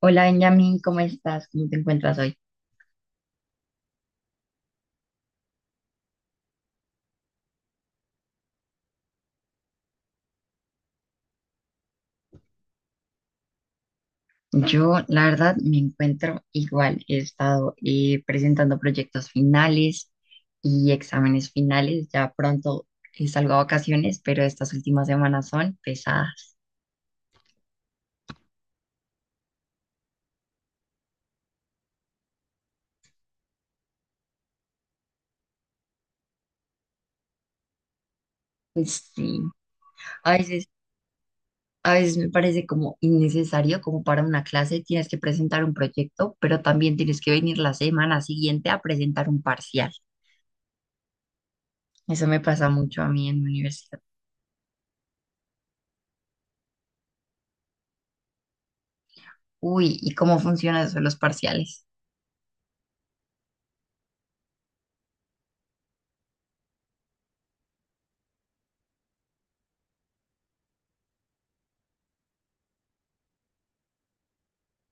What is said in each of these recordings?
Hola Benjamín, ¿cómo estás? ¿Cómo te encuentras hoy? Yo, la verdad, me encuentro igual. He estado presentando proyectos finales y exámenes finales. Ya pronto salgo a vacaciones, pero estas últimas semanas son pesadas. Pues sí, a veces, a veces me parece como innecesario, como para una clase tienes que presentar un proyecto, pero también tienes que venir la semana siguiente a presentar un parcial. Eso me pasa mucho a mí en la universidad. Uy, ¿y cómo funcionan eso de los parciales?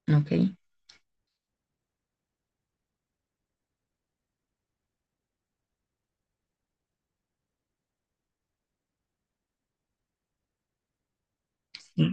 Ok, sí,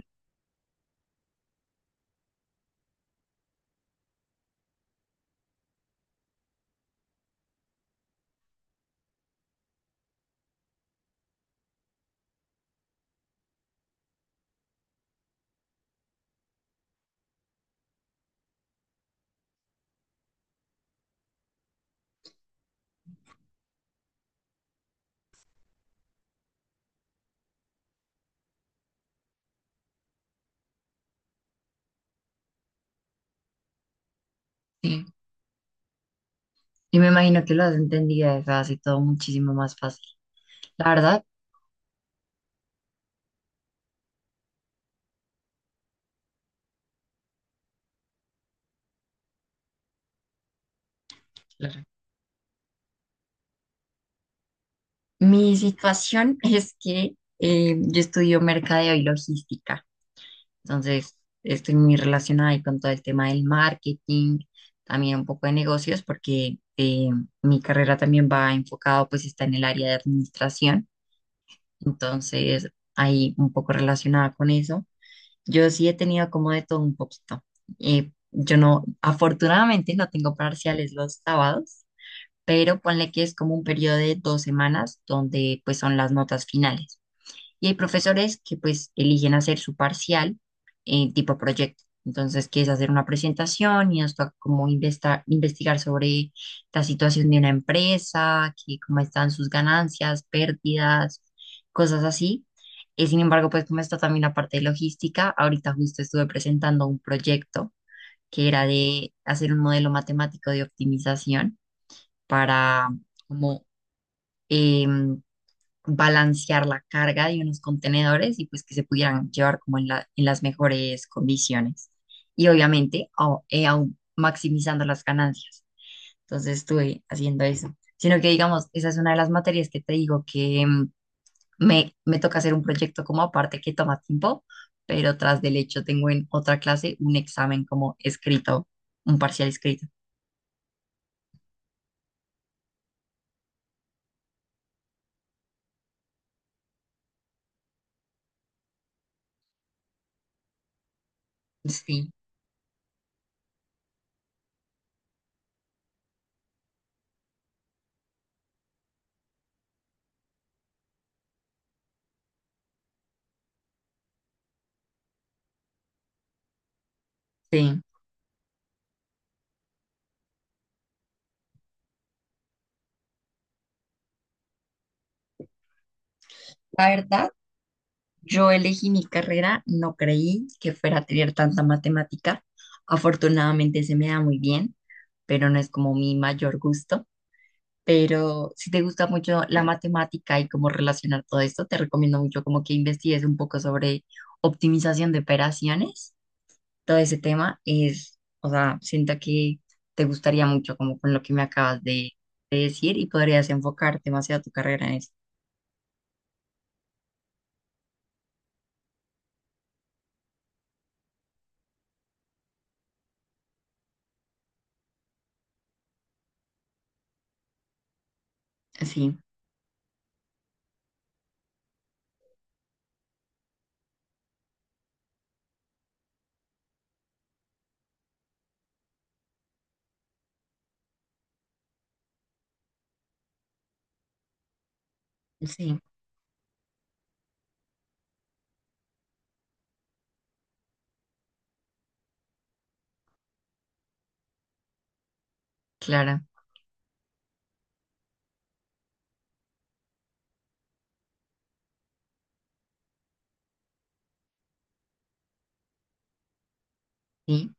sí. Y me imagino que lo has entendido, eso hace todo muchísimo más fácil. La verdad, claro, mi situación es que yo estudio mercadeo y logística, entonces estoy muy relacionada ahí con todo el tema del marketing, también un poco de negocios, porque mi carrera también va enfocado, pues está en el área de administración, entonces ahí un poco relacionada con eso. Yo sí he tenido como de todo un poquito. Yo no, afortunadamente no tengo parciales los sábados, pero ponle que es como un periodo de 2 semanas donde pues son las notas finales. Y hay profesores que pues eligen hacer su parcial en tipo proyecto. Entonces, que es hacer una presentación y nos toca como investigar sobre la situación de una empresa, que cómo están sus ganancias, pérdidas, cosas así. Sin embargo, pues como está también la parte de logística, ahorita justo estuve presentando un proyecto que era de hacer un modelo matemático de optimización para como em, balancear la carga de unos contenedores y pues que se pudieran llevar como en las mejores condiciones. Y obviamente aún maximizando las ganancias. Entonces estuve haciendo eso. Sino que digamos, esa es una de las materias que te digo que me toca hacer un proyecto como aparte que toma tiempo, pero tras del hecho tengo en otra clase un examen como escrito, un parcial escrito. Sí, sí. La verdad. Yo elegí mi carrera, no creí que fuera a tener tanta matemática. Afortunadamente se me da muy bien, pero no es como mi mayor gusto. Pero si te gusta mucho la matemática y cómo relacionar todo esto, te recomiendo mucho como que investigues un poco sobre optimización de operaciones. Todo ese tema es, o sea, siento que te gustaría mucho como con lo que me acabas de decir y podrías enfocar demasiado tu carrera en eso. Sí, sí, claro, sí,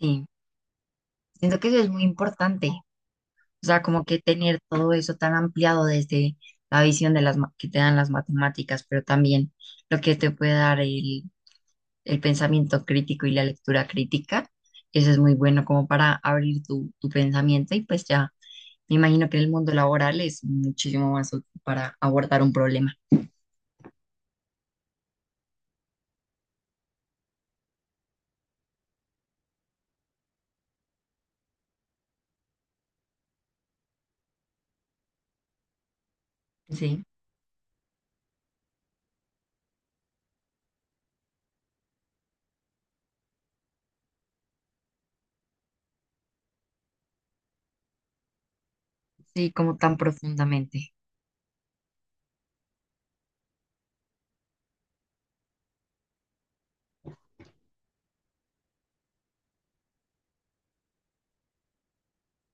sí. Siento que eso es muy importante, o sea, como que tener todo eso tan ampliado desde la visión de las que te dan las matemáticas, pero también lo que te puede dar el pensamiento crítico y la lectura crítica, eso es muy bueno como para abrir tu pensamiento y pues ya me imagino que en el mundo laboral es muchísimo más útil para abordar un problema. Sí, sí, como tan profundamente.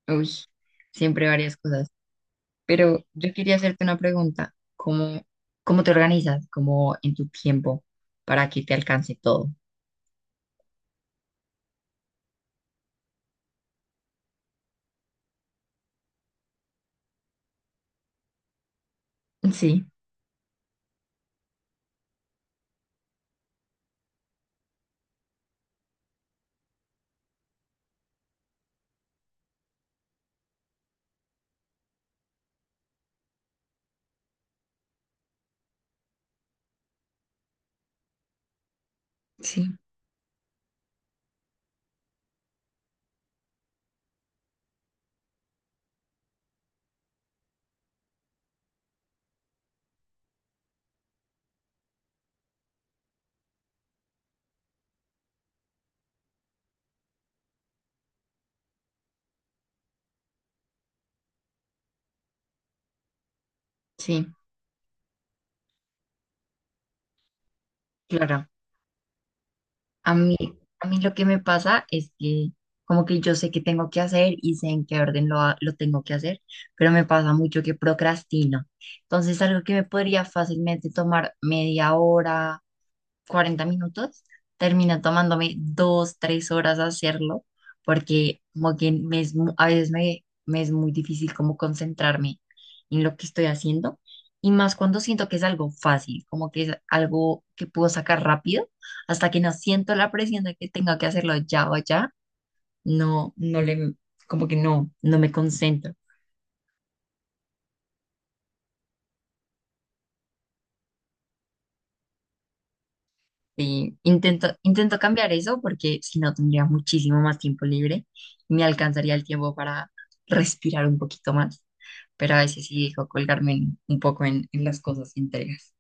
Uy, siempre varias cosas. Pero yo quería hacerte una pregunta. ¿Cómo te organizas? ¿Cómo en tu tiempo para que te alcance todo? Sí, sí, sí, claro. A mí, a mí lo que me pasa es que como que yo sé qué tengo que hacer y sé en qué orden lo tengo que hacer, pero me pasa mucho que procrastino. Entonces, algo que me podría fácilmente tomar 1/2 hora, 40 minutos, termina tomándome 2, 3 horas hacerlo, porque como que me es a veces me es muy difícil como concentrarme en lo que estoy haciendo, y más cuando siento que es algo fácil, como que es algo que puedo sacar rápido, hasta que no siento la presión de que tenga que hacerlo ya o ya, no, no le, como que no me concentro. Sí, intento cambiar eso porque si no tendría muchísimo más tiempo libre y me alcanzaría el tiempo para respirar un poquito más, pero a veces sí dejo colgarme un poco en las cosas entregas.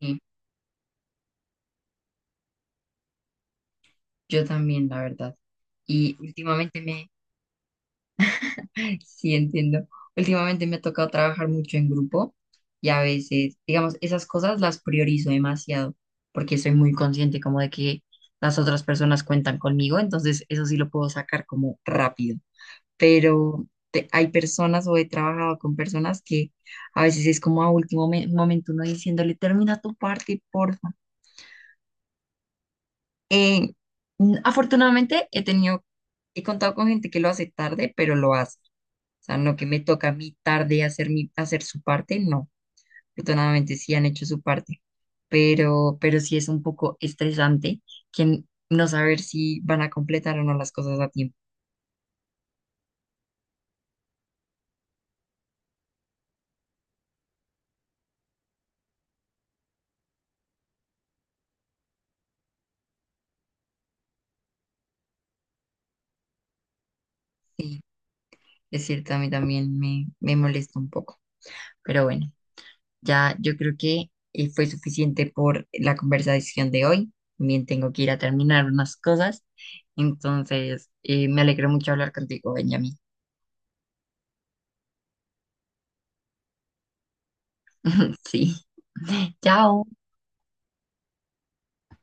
Sí, yo también, la verdad. Y últimamente sí entiendo, últimamente me ha tocado trabajar mucho en grupo y a veces, digamos, esas cosas las priorizo demasiado porque soy muy consciente como de que las otras personas cuentan conmigo, entonces eso sí lo puedo sacar como rápido. Pero hay personas o he trabajado con personas que a veces es como a último momento uno diciéndole, termina tu parte, porfa. Eh, afortunadamente he tenido, he contado con gente que lo hace tarde, pero lo hace. O sea, no que me toca a mí tarde hacer hacer su parte, no. Afortunadamente sí han hecho su parte, pero sí es un poco estresante que no saber si van a completar o no las cosas a tiempo. Sí, es cierto, a mí también me molesta un poco, pero bueno. Ya, yo creo que fue suficiente por la conversación de hoy. También tengo que ir a terminar unas cosas. Entonces, me alegro mucho hablar contigo, Benjamín. Sí. Chao.